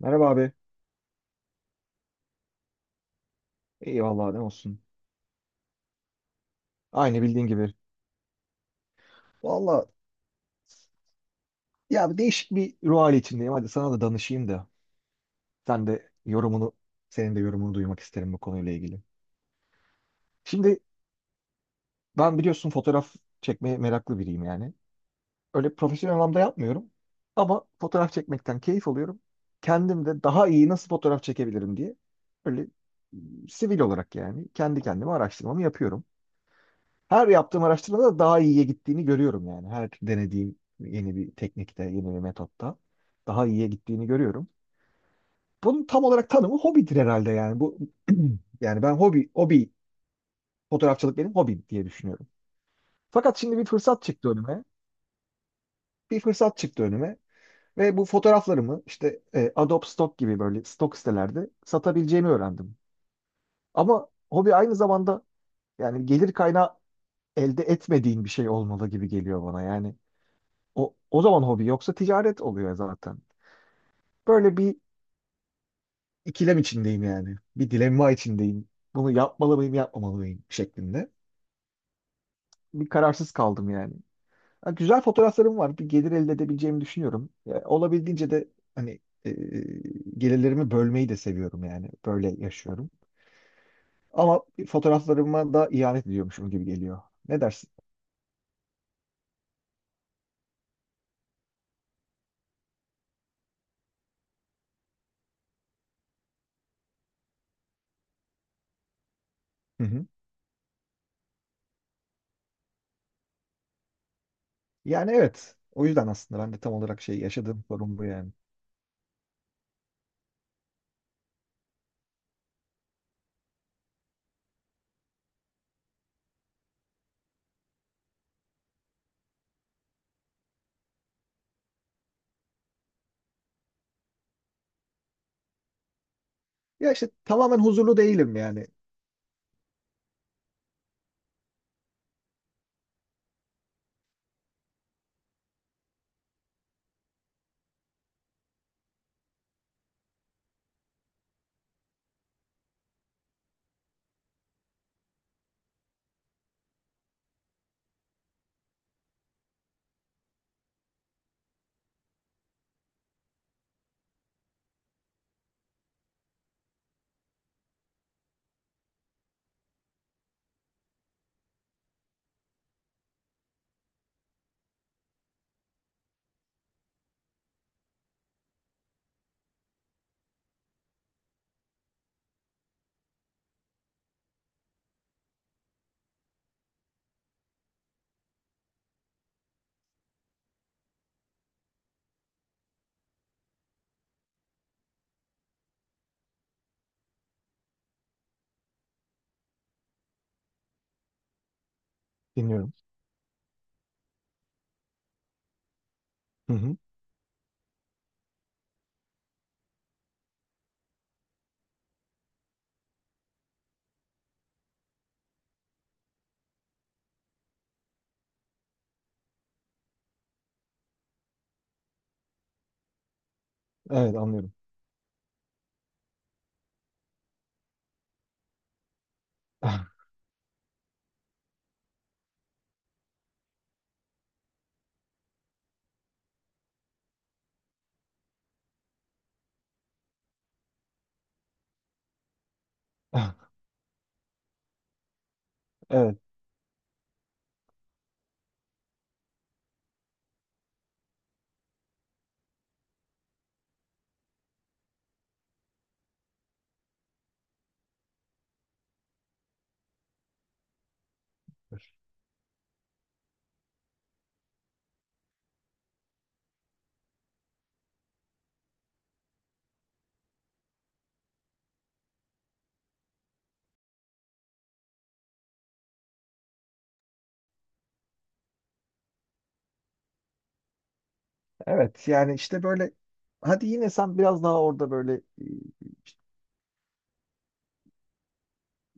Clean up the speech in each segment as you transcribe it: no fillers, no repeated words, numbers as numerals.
Merhaba abi. İyi vallahi ne olsun. Aynı bildiğin gibi. Vallahi ya bir değişik bir ruh hali içindeyim. Hadi sana da danışayım da. Sen de yorumunu, Senin de yorumunu duymak isterim bu konuyla ilgili. Şimdi ben biliyorsun fotoğraf çekmeye meraklı biriyim yani. Öyle profesyonel anlamda yapmıyorum. Ama fotoğraf çekmekten keyif alıyorum. Kendim de daha iyi nasıl fotoğraf çekebilirim diye. Böyle sivil olarak yani kendi kendime araştırmamı yapıyorum. Her yaptığım araştırmada daha iyiye gittiğini görüyorum yani. Her denediğim yeni bir teknikte, yeni bir metotta daha iyiye gittiğini görüyorum. Bunun tam olarak tanımı hobidir herhalde yani. Bu yani ben hobi hobi fotoğrafçılık benim hobim diye düşünüyorum. Fakat şimdi bir fırsat çıktı önüme. Bir fırsat çıktı önüme ve bu fotoğraflarımı işte Adobe Stock gibi böyle stok sitelerde satabileceğimi öğrendim. Ama hobi aynı zamanda yani gelir kaynağı elde etmediğin bir şey olmalı gibi geliyor bana. Yani O zaman hobi yoksa ticaret oluyor zaten. Böyle bir ikilem içindeyim yani. Bir dilemma içindeyim. Bunu yapmalı mıyım, yapmamalı mıyım şeklinde. Bir kararsız kaldım yani. Ha, güzel fotoğraflarım var. Bir gelir elde edebileceğimi düşünüyorum. Ya, olabildiğince de hani e, gelirlerimi bölmeyi de seviyorum yani. Böyle yaşıyorum. Ama fotoğraflarıma da ihanet ediyormuşum gibi geliyor. Ne dersin? Hı hı. Yani evet. O yüzden aslında ben de tam olarak şey yaşadığım sorun bu yani. Ya işte tamamen huzurlu değilim yani. Dinliyorum. Hı hı. Evet anlıyorum. Evet. Evet yani işte böyle hadi yine sen biraz daha orada böyle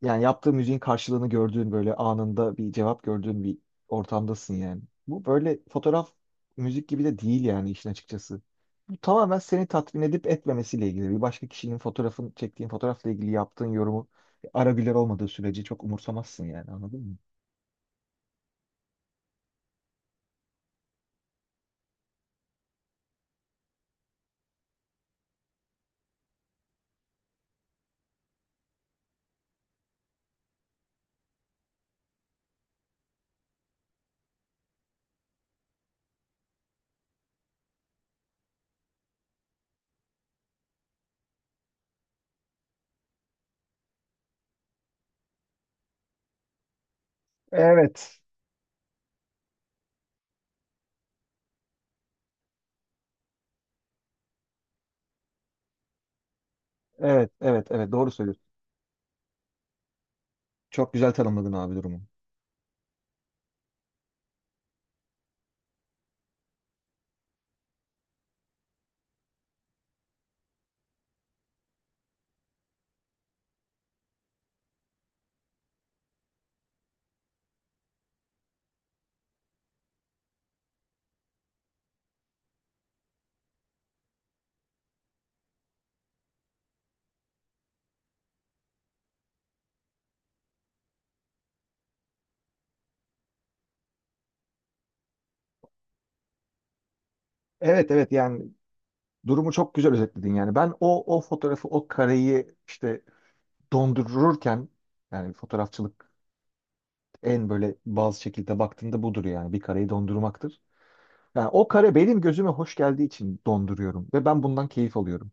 yani yaptığı müziğin karşılığını gördüğün böyle anında bir cevap gördüğün bir ortamdasın yani. Bu böyle fotoğraf müzik gibi de değil yani işin açıkçası. Bu tamamen seni tatmin edip etmemesiyle ilgili. Bir başka kişinin fotoğrafın çektiğin fotoğrafla ilgili yaptığın yorumu ara güler olmadığı sürece çok umursamazsın yani anladın mı? Evet. Evet, doğru söylüyorsun. Çok güzel tanımladın abi durumu. Evet, evet yani durumu çok güzel özetledin yani. Ben o fotoğrafı, o kareyi işte dondururken yani fotoğrafçılık en böyle bazı şekilde baktığında budur yani bir kareyi dondurmaktır. Yani o kare benim gözüme hoş geldiği için donduruyorum ve ben bundan keyif alıyorum.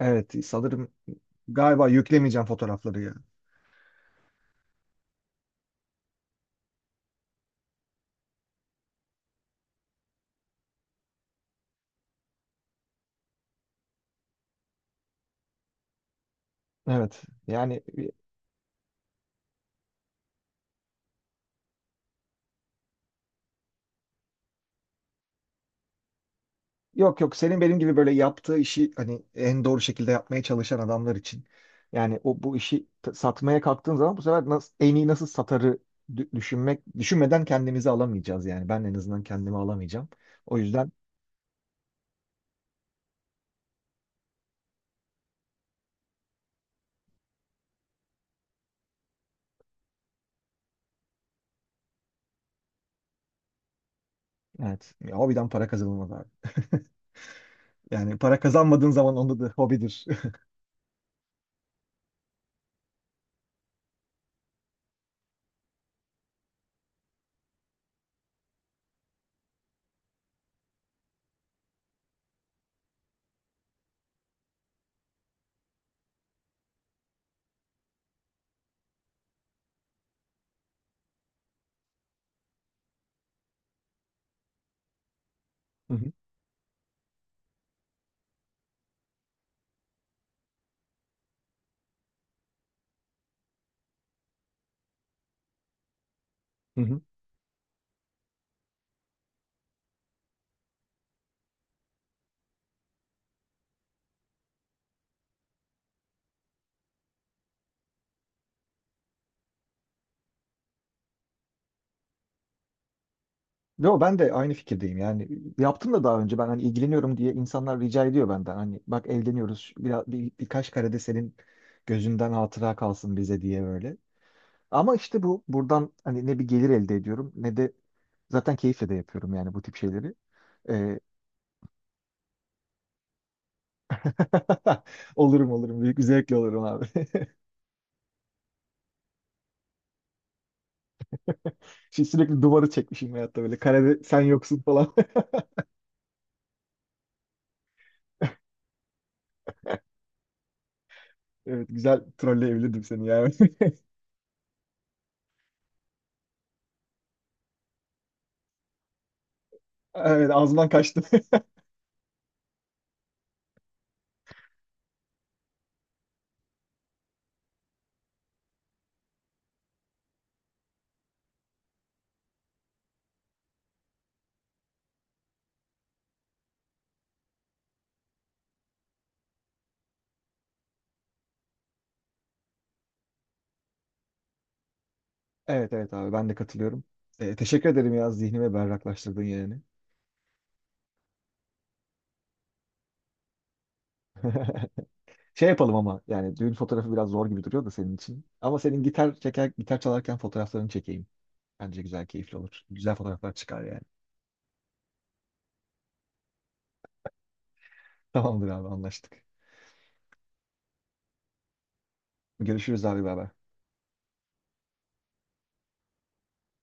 Evet sanırım galiba yüklemeyeceğim fotoğrafları ya. Evet yani yok yok senin benim gibi böyle yaptığı işi hani en doğru şekilde yapmaya çalışan adamlar için. Yani o bu işi satmaya kalktığın zaman bu sefer nasıl, en iyi nasıl satarı dü- düşünmek düşünmeden kendimizi alamayacağız yani. Ben en azından kendimi alamayacağım. O yüzden evet ya, hobiden para kazanılmaz abi. Yani para kazanmadığın zaman onda da hobidir. Hı hı. Hı hı. Yo ben de aynı fikirdeyim yani yaptım da daha önce ben hani ilgileniyorum diye insanlar rica ediyor benden hani bak evleniyoruz birkaç karede senin gözünden hatıra kalsın bize diye böyle. Ama işte bu buradan hani ne bir gelir elde ediyorum ne de zaten keyifle de yapıyorum yani bu tip şeyleri. Ee, olurum, büyük bir zevkle olurum abi. Şimdi sürekli duvarı çekmişim hayatta böyle karede sen yoksun falan. Evet güzel trolleyebilirdim seni yani. Evet ağzımdan kaçtı. Evet evet abi ben de katılıyorum. Teşekkür ederim ya zihnimi berraklaştırdın yani. Şey yapalım ama yani düğün fotoğrafı biraz zor gibi duruyor da senin için. Ama gitar çeker, gitar çalarken fotoğraflarını çekeyim. Bence güzel, keyifli olur. Güzel fotoğraflar çıkar yani. Tamamdır abi anlaştık. Görüşürüz abi beraber.